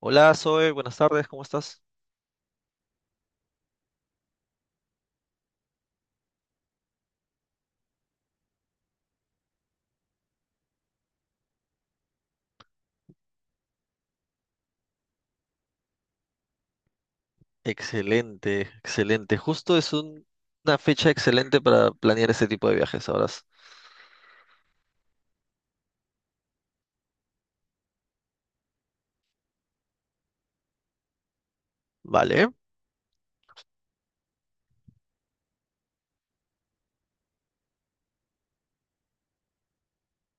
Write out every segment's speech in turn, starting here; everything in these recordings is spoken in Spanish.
Hola, Zoe, buenas tardes, ¿cómo estás? Excelente, excelente. Una fecha excelente para planear este tipo de viajes, ahora. Vale.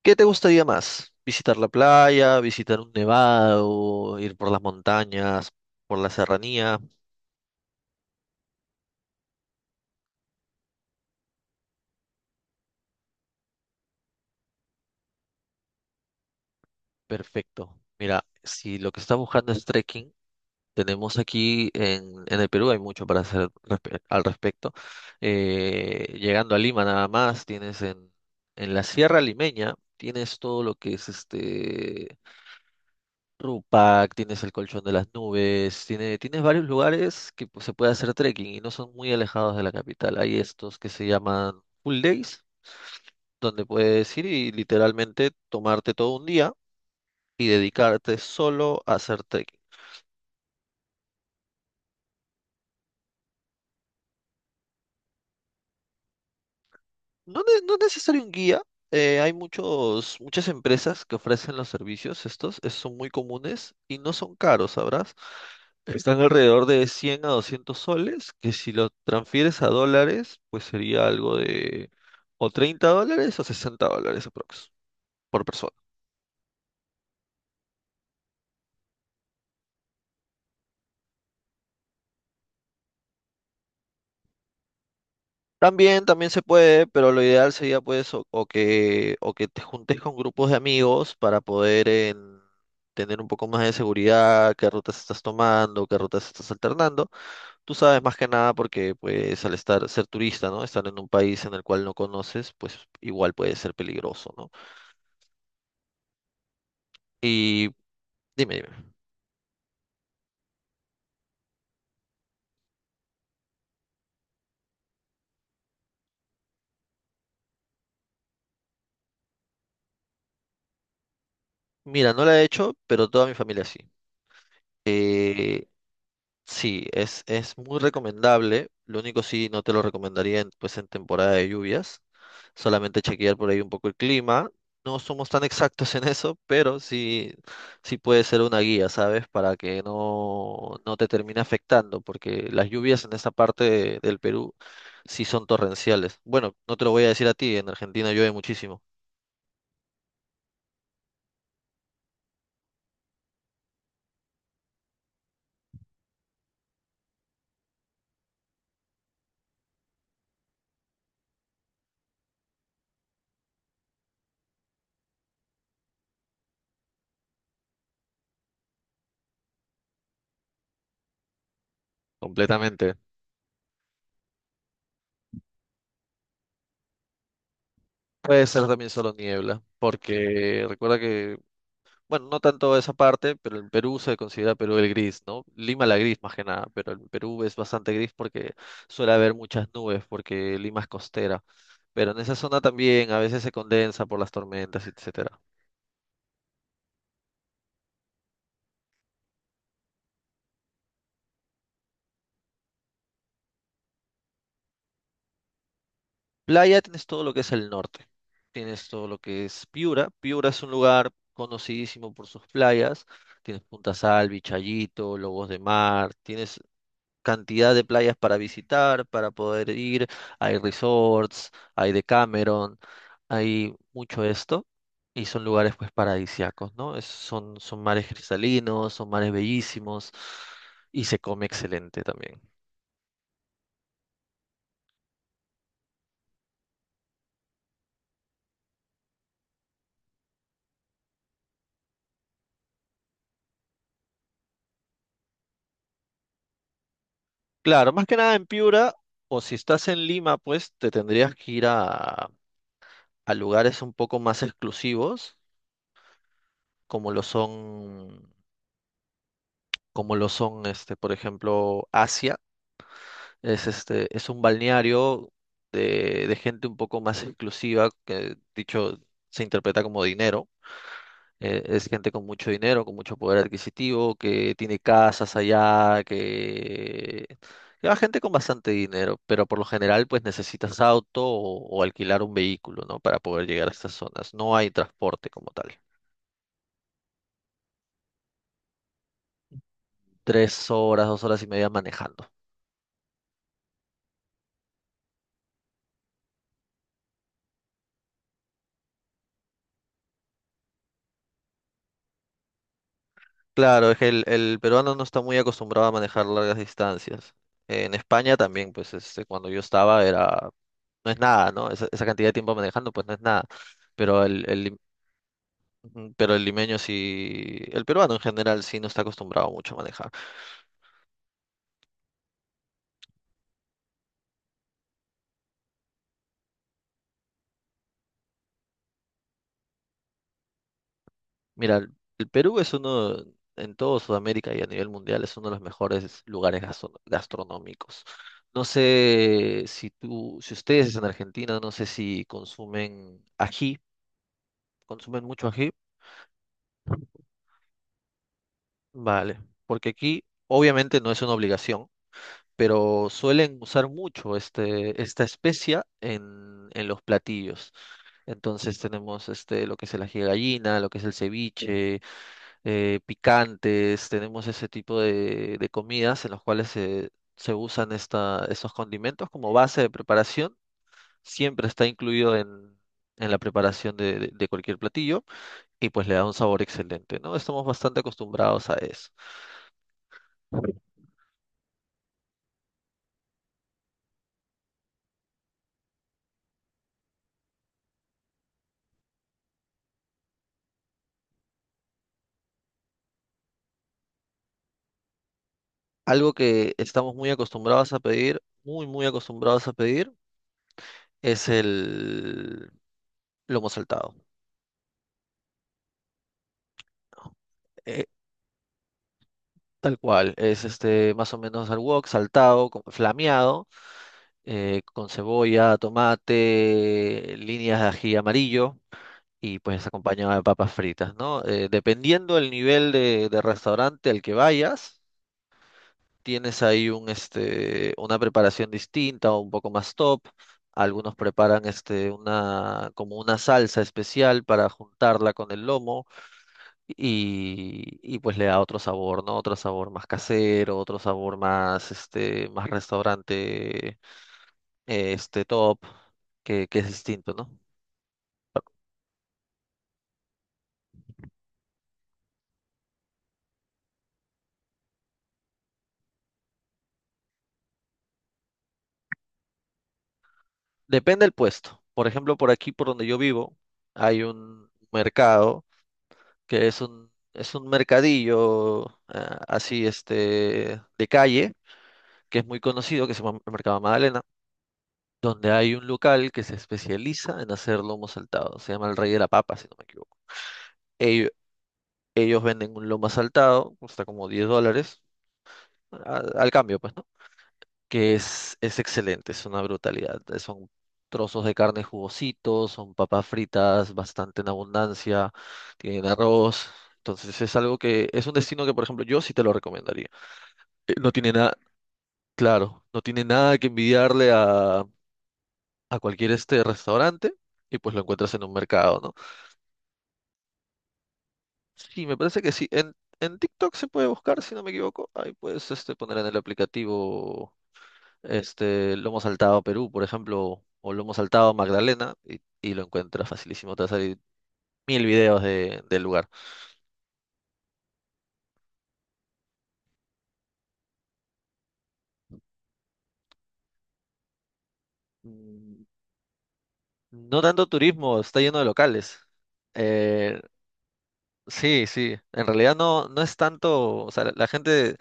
¿Qué te gustaría más? ¿Visitar la playa, visitar un nevado, ir por las montañas, por la serranía? Perfecto. Mira, si lo que estás buscando es trekking, tenemos aquí en el Perú. Hay mucho para hacer al respecto. Llegando a Lima nada más, tienes en la Sierra Limeña. Tienes todo lo que es este Rupac, tienes el Colchón de las Nubes, tienes varios lugares que, pues, se puede hacer trekking y no son muy alejados de la capital. Hay estos que se llaman full days, donde puedes ir y literalmente tomarte todo un día y dedicarte solo a hacer trekking. No, no es necesario un guía. Hay muchas empresas que ofrecen los servicios estos. Son muy comunes y no son caros, ¿sabrás? Están alrededor de 100 a 200 soles, que si lo transfieres a dólares, pues sería algo de o 30 dólares o 60 dólares aprox por persona. También, también se puede, pero lo ideal sería, pues, o que te juntes con grupos de amigos para poder tener un poco más de seguridad, qué rutas estás tomando, qué rutas estás alternando. Tú sabes, más que nada, porque pues al estar, ser turista, ¿no? Estar en un país en el cual no conoces, pues igual puede ser peligroso, ¿no? Y dime, dime. Mira, no la he hecho, pero toda mi familia sí. Eh, Sí, es muy recomendable. Lo único, sí, no te lo recomendaría pues en temporada de lluvias. Solamente chequear por ahí un poco el clima. No somos tan exactos en eso, pero sí, sí puede ser una guía, ¿sabes? Para que no, no te termine afectando, porque las lluvias en esta parte del Perú sí son torrenciales. Bueno, no te lo voy a decir a ti, en Argentina llueve muchísimo, completamente. Puede ser también solo niebla, porque recuerda que, bueno, no tanto esa parte, pero en Perú se considera Perú el gris, ¿no? Lima la gris, más que nada, pero en Perú es bastante gris porque suele haber muchas nubes, porque Lima es costera. Pero en esa zona también a veces se condensa por las tormentas, etcétera. Playa, tienes todo lo que es el norte. Tienes todo lo que es Piura. Piura es un lugar conocidísimo por sus playas. Tienes Punta Salvi, Chayito, Lobos de Mar. Tienes cantidad de playas para visitar, para poder ir. Hay resorts, hay Decameron, hay mucho esto. Y son lugares pues paradisíacos, ¿no? Son, son mares cristalinos, son mares bellísimos y se come excelente también. Claro, más que nada en Piura, o si estás en Lima, pues te tendrías que ir a lugares un poco más exclusivos, como lo son, como lo son, este, por ejemplo, Asia. Es este, es un balneario de gente un poco más exclusiva, que dicho se interpreta como dinero. Es gente con mucho dinero, con mucho poder adquisitivo, que tiene casas allá, que lleva gente con bastante dinero, pero por lo general pues necesitas auto o alquilar un vehículo, ¿no? Para poder llegar a estas zonas. No hay transporte como tal. Tres horas, dos horas y media manejando. Claro, es que el peruano no está muy acostumbrado a manejar largas distancias. En España también, pues este, cuando yo estaba era, no es nada, ¿no? Esa cantidad de tiempo manejando, pues no es nada. Pero el, el lim- Ujú, pero el limeño sí, el peruano en general sí no está acostumbrado mucho a manejar. Mira, el Perú es uno, en todo Sudamérica y a nivel mundial, es uno de los mejores lugares gastronómicos. No sé si tú, si ustedes en Argentina, no sé si consumen ají, consumen mucho ají. Vale, porque aquí obviamente no es una obligación, pero suelen usar mucho este, esta especia en los platillos. Entonces tenemos este, lo que es el ají de gallina, lo que es el ceviche, picantes, tenemos ese tipo de comidas en los cuales se, se usan esta, estos condimentos como base de preparación. Siempre está incluido en la preparación de cualquier platillo y pues le da un sabor excelente, ¿no? Estamos bastante acostumbrados a eso. Algo que estamos muy acostumbrados a pedir, muy, muy acostumbrados a pedir, es el lomo saltado. ¿No? Eh, tal cual, es este más o menos al wok, saltado, flameado, con cebolla, tomate, líneas de ají amarillo y pues acompañado de papas fritas, ¿no? Dependiendo del nivel de restaurante al que vayas, tienes ahí un, este, una preparación distinta o un poco más top. Algunos preparan este, una, como una salsa especial para juntarla con el lomo y pues le da otro sabor, ¿no? Otro sabor más casero, otro sabor más, este, más restaurante, este, top, que es distinto, ¿no? Depende del puesto. Por ejemplo, por aquí, por donde yo vivo, hay un mercado que es un mercadillo, ah, así este de calle, que es muy conocido, que se llama el Mercado Magdalena, donde hay un local que se especializa en hacer lomo saltado. Se llama el Rey de la Papa, si no me equivoco. Ellos, Ellos venden un lomo saltado, cuesta como 10 dólares, al, al cambio, pues, ¿no? Que es excelente, es una brutalidad. Eh, son trozos de carne jugositos, son papas fritas bastante en abundancia, tienen arroz. Entonces es algo que es un destino que, por ejemplo, yo sí te lo recomendaría. No tiene nada, claro, no tiene nada que envidiarle a cualquier este restaurante y pues lo encuentras en un mercado, ¿no? Sí, me parece que sí. En TikTok se puede buscar, si no me equivoco. Ahí puedes este, poner en el aplicativo este lomo saltado Perú, por ejemplo, o lomo saltado Magdalena y lo encuentras facilísimo. Te va a salir 1000 videos de, del lugar. Mm, no tanto turismo, está lleno de locales. Eh, sí, sí. En realidad no, no es tanto, o sea, la gente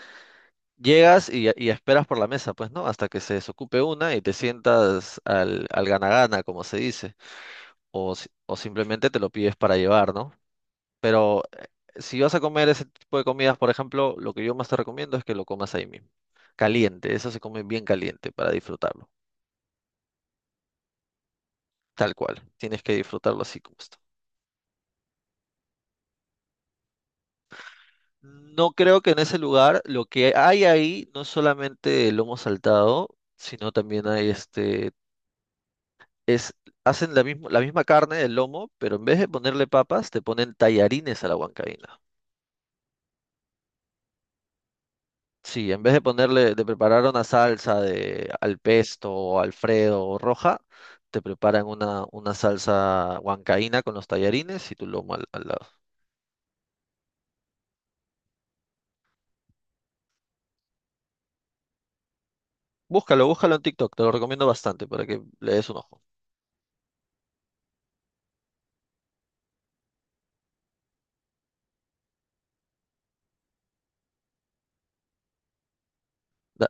llegas y esperas por la mesa, pues, ¿no? Hasta que se desocupe una y te sientas al, al gana-gana, como se dice. O, o simplemente te lo pides para llevar, ¿no? Pero si vas a comer ese tipo de comidas, por ejemplo, lo que yo más te recomiendo es que lo comas ahí mismo. Caliente, eso se come bien caliente para disfrutarlo. Tal cual. Tienes que disfrutarlo así como está. No creo que en ese lugar lo que hay ahí no es solamente el lomo saltado, sino también hay este es, hacen la misma carne, el lomo, pero en vez de ponerle papas, te ponen tallarines a la huancaína. Sí, en vez de ponerle, de preparar una salsa de al pesto o alfredo o roja, te preparan una salsa huancaína con los tallarines y tu lomo al, al lado. Búscalo, búscalo en TikTok, te lo recomiendo bastante para que le des un ojo. Da-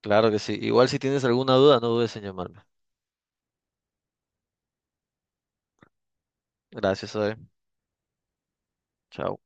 claro que sí. Igual si tienes alguna duda, no dudes en llamarme. Gracias, Zoe. Chao.